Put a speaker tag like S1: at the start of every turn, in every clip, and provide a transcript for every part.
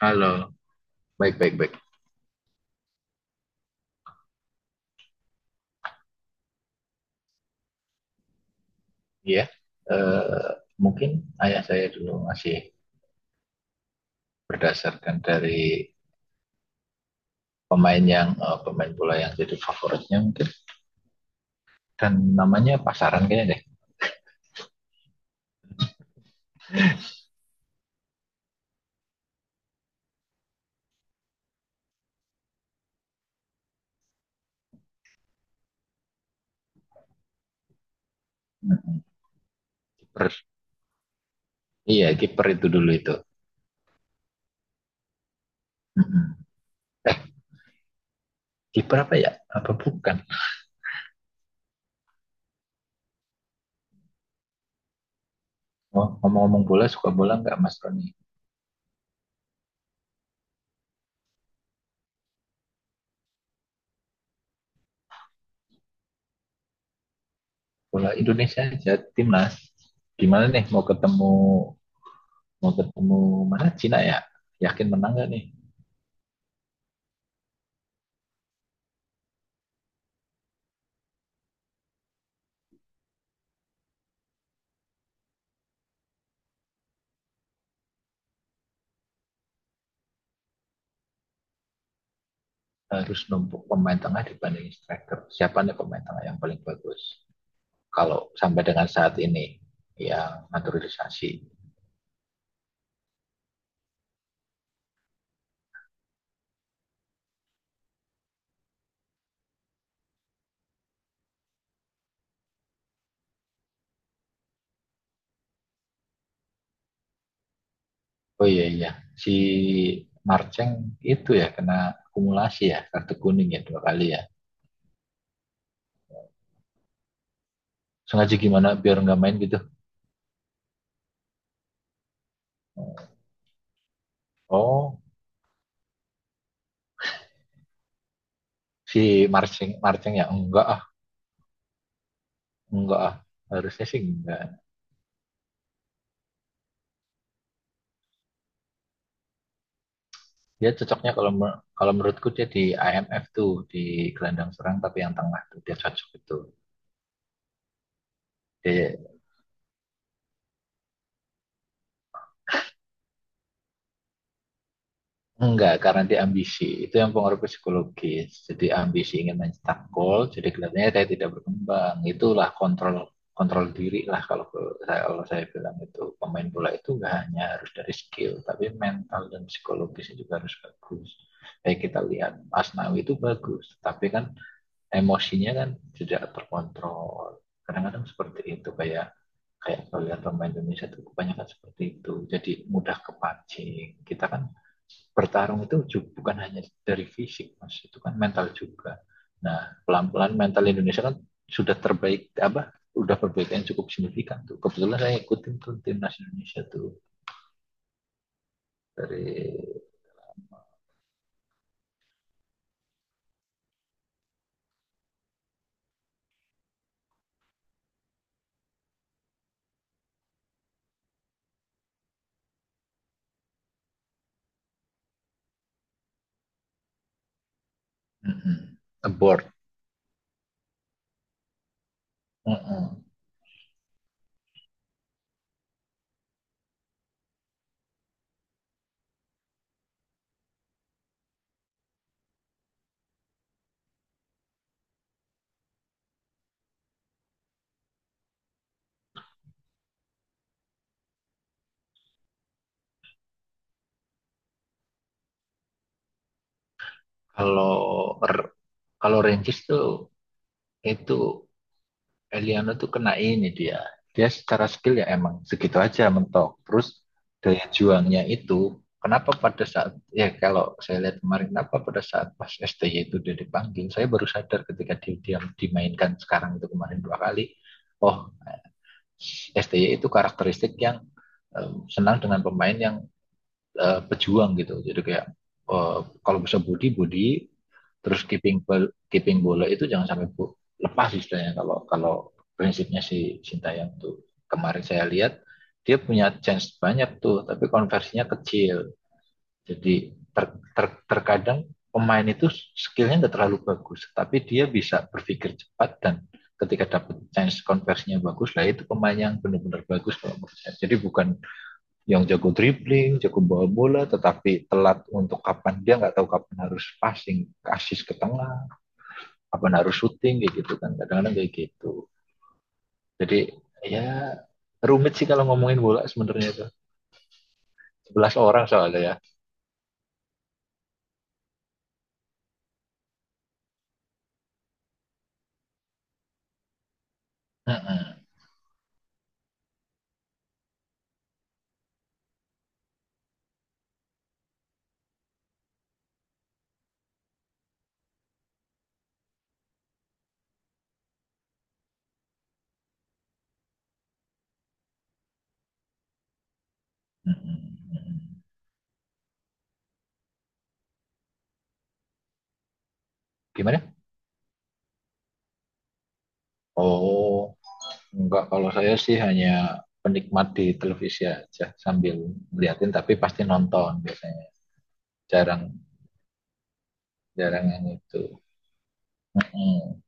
S1: Halo, baik, baik, baik. Iya, eh, mungkin ayah saya dulu masih berdasarkan dari pemain bola yang jadi favoritnya mungkin, dan namanya pasaran kayaknya deh. Mm, kiper, iya kiper itu dulu itu. Mm-mm. Kiper apa ya? Apa bukan? Oh, ngomong-ngomong bola, suka bola nggak Mas Roni? Bola Indonesia aja, timnas. Gimana nih, mau ketemu mau ketemu mana, Cina ya? Yakin menang nggak nih? Harus numpuk pemain tengah dibanding striker. Siapa nih pemain tengah yang paling bagus? Kalau sampai dengan saat ini yang naturalisasi. Oh iya iya, si Marceng itu ya kena akumulasi ya, kartu kuning ya dua kali ya. Sengaja gimana, biar nggak main gitu? Oh, si Marceng Marceng ya, enggak ah, enggak ah, harusnya sih enggak. Dia cocoknya kalau kalau menurutku dia di IMF tuh, di gelandang serang, tapi yang tengah tuh dia cocok itu. Dia Enggak, karena dia ambisi. Itu yang pengaruh psikologis. Jadi ambisi ingin mencetak gol, jadi kelihatannya saya tidak berkembang. Itulah kontrol kontrol diri lah. Kalau saya bilang, itu pemain bola itu nggak hanya harus dari skill, tapi mental dan psikologisnya juga harus bagus. Kayak kita lihat Asnawi itu bagus, tapi kan emosinya kan tidak terkontrol. Kadang-kadang seperti itu, kayak kayak kalau lihat pemain Indonesia itu kebanyakan seperti itu. Jadi mudah kepancing. Kita kan bertarung itu bukan hanya dari fisik mas, itu kan mental juga. Nah, pelan-pelan mental Indonesia kan sudah terbaik, apa, udah perbaikan cukup signifikan tuh. Kebetulan saya ikutin tuh timnas Indonesia tuh dari mm -mm, abroad, mm -mm. kalau kalau Rangers tuh, itu Eliano tuh kena ini dia. Dia secara skill ya emang segitu aja mentok. Terus daya juangnya itu, kenapa pada saat ya kalau saya lihat kemarin, kenapa pada saat pas STY itu dia dipanggil, saya baru sadar ketika dia dimainkan. Sekarang itu kemarin dua kali. Oh, STY itu karakteristik yang senang dengan pemain yang pejuang gitu. Jadi kayak, eh, kalau bisa body body, terus keeping bola itu jangan sampai lepas, istilahnya. Kalau kalau prinsipnya si Sintayong tuh, kemarin saya lihat dia punya chance banyak tuh, tapi konversinya kecil. Jadi terkadang pemain itu skillnya nggak terlalu bagus, tapi dia bisa berpikir cepat, dan ketika dapat chance konversinya bagus, lah itu pemain yang benar-benar bagus kalau menurut saya. Jadi bukan yang jago dribbling, jago bawa bola, tetapi telat untuk, dia nggak tahu kapan harus passing, asis ke tengah, kapan harus shooting, kayak gitu kan. Kadang-kadang kayak gitu. Jadi ya, rumit sih kalau ngomongin bola sebenarnya itu. 11 orang soalnya ya. Heeh, heeh, heeh. Gimana? Oh, enggak, kalau saya sih hanya penikmat di televisi aja, sambil ngeliatin tapi pasti nonton biasanya. Jarang, jarang yang itu. Hmm.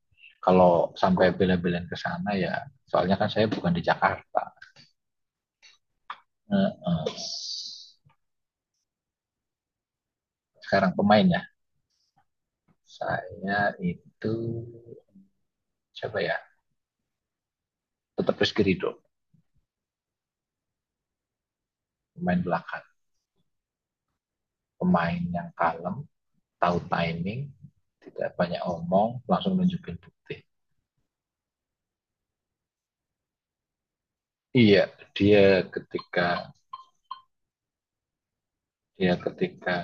S1: Kalau sampai bela-belain ke sana ya, soalnya kan saya bukan di Jakarta. Sekarang pemainnya, saya itu siapa ya, tetap Rizky Ridho. Pemain belakang, pemain yang kalem, tahu timing, tidak banyak omong, langsung nunjukin bukti. Iya, dia ketika dia ketika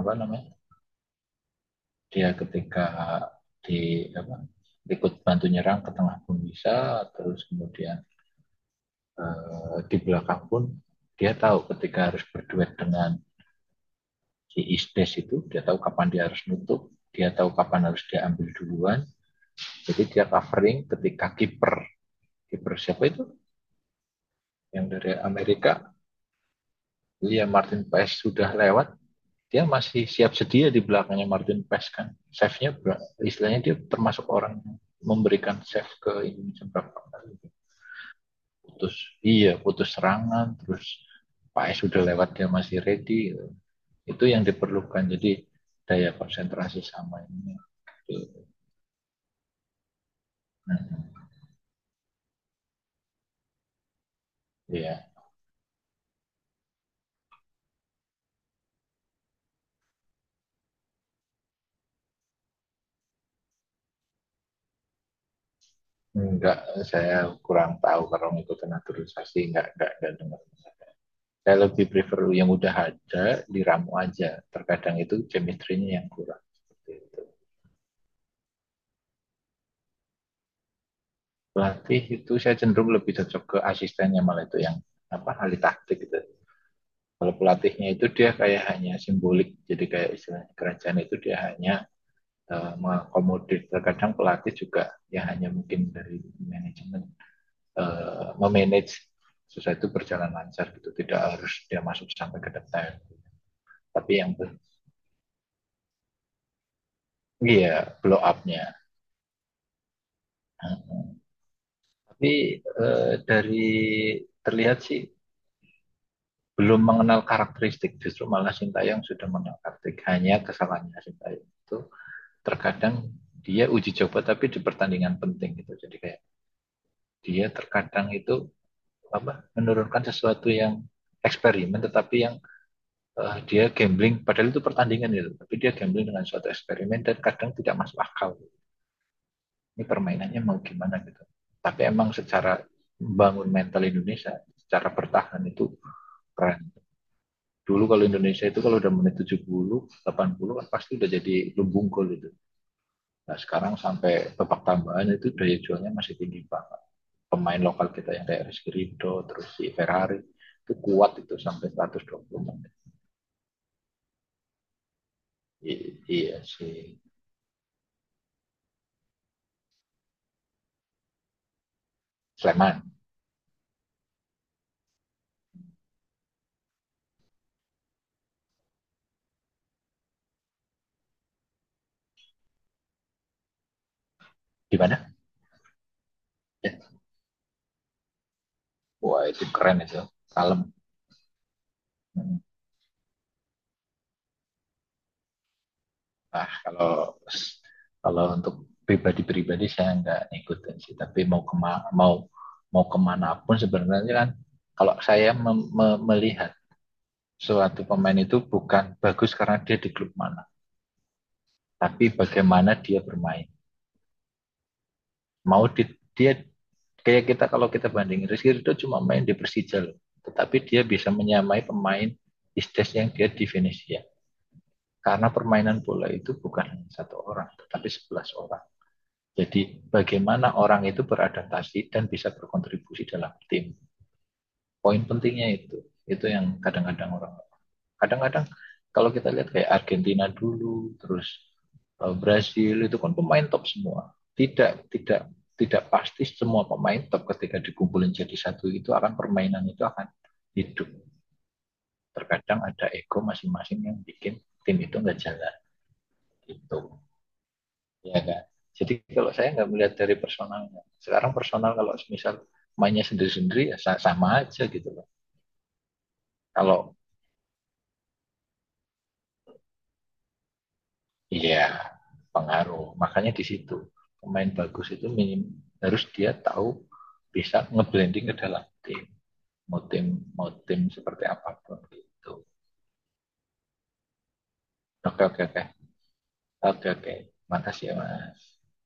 S1: apa namanya, dia ketika di, apa, ikut bantu nyerang ke tengah pun bisa. Terus kemudian di belakang pun dia tahu ketika harus berduet dengan si Isdes itu, dia tahu kapan dia harus nutup, dia tahu kapan harus dia ambil duluan. Jadi dia covering ketika kiper, siapa itu yang dari Amerika, Liam Martin Paes sudah lewat, dia masih siap sedia di belakangnya Martin Paes kan. Save-nya istilahnya, dia termasuk orang yang memberikan save ke Indonesia berapa kali, iya, putus serangan. Terus Paes sudah lewat, dia masih ready. Itu yang diperlukan, jadi daya konsentrasi sama ini, gitu. Nah, ya nggak, saya kurang tahu kalau ngikutin naturalisasi, nggak dengar. Saya lebih prefer yang udah ada diramu aja, terkadang itu chemistry-nya yang kurang, seperti itu. Pelatih itu saya cenderung lebih cocok ke asistennya malah, itu yang apa, ahli taktik gitu. Kalau pelatihnya itu dia kayak hanya simbolik, jadi kayak istilahnya kerajaan, itu dia hanya mengakomodir. Terkadang pelatih juga ya hanya mungkin dari manajemen, memanage sesuatu berjalan lancar gitu, tidak harus dia masuk sampai ke detail. Tapi yang, iya, blow up-nya. Hmm. Tapi dari terlihat sih belum mengenal karakteristik, justru malah Sintayong sudah mengenal karakteristik. Hanya kesalahannya Sintayong itu, terkadang dia uji coba tapi di pertandingan penting gitu. Jadi kayak dia terkadang itu apa, menurunkan sesuatu yang eksperimen, tetapi yang dia gambling, padahal itu pertandingan gitu. Tapi dia gambling dengan suatu eksperimen dan kadang tidak masuk akal, ini permainannya mau gimana gitu. Tapi emang secara membangun mental Indonesia secara bertahan itu keren. Dulu kalau Indonesia itu kalau udah menit 70, 80 kan pasti udah jadi lumbung gol itu. Nah, sekarang sampai babak tambahan itu daya jualnya masih tinggi banget. Pemain lokal kita yang kayak Rizky Ridho terus si Ferrari, itu kuat, itu sampai 120. Iya, si Sleman. Di mana? Ya. Wah, itu keren itu, kalem. Hmm. Ah, kalau kalau untuk pribadi-pribadi saya nggak ngikutin sih, tapi mau kemana pun sebenarnya kan. Kalau saya melihat suatu pemain itu bukan bagus karena dia di klub mana, tapi bagaimana dia bermain. Mau di, Dia kayak kita, kalau kita bandingin Rizky Ridho cuma main di Persija loh, tetapi dia bisa menyamai pemain Istes yang dia di Venesia. Karena permainan bola itu bukan satu orang, tetapi 11 orang. Jadi bagaimana orang itu beradaptasi dan bisa berkontribusi dalam tim. Poin pentingnya itu. Itu yang kadang-kadang orang. Kadang-kadang kalau kita lihat kayak Argentina dulu, terus Brasil, itu kan pemain top semua. Tidak, tidak, tidak pasti semua pemain top ketika dikumpulin jadi satu itu akan permainan itu akan hidup. Terkadang ada ego masing-masing yang bikin tim itu nggak jalan gitu. Ya kan. Jadi kalau saya nggak melihat dari personalnya. Sekarang personal, kalau misal mainnya sendiri-sendiri ya sama aja gitu loh. Kalau, iya, pengaruh, makanya di situ pemain bagus itu minim, harus dia tahu bisa ngeblending ke dalam tim, mau tim seperti apapun gitu. Oke oke oke oke oke. Makasih ya Mas.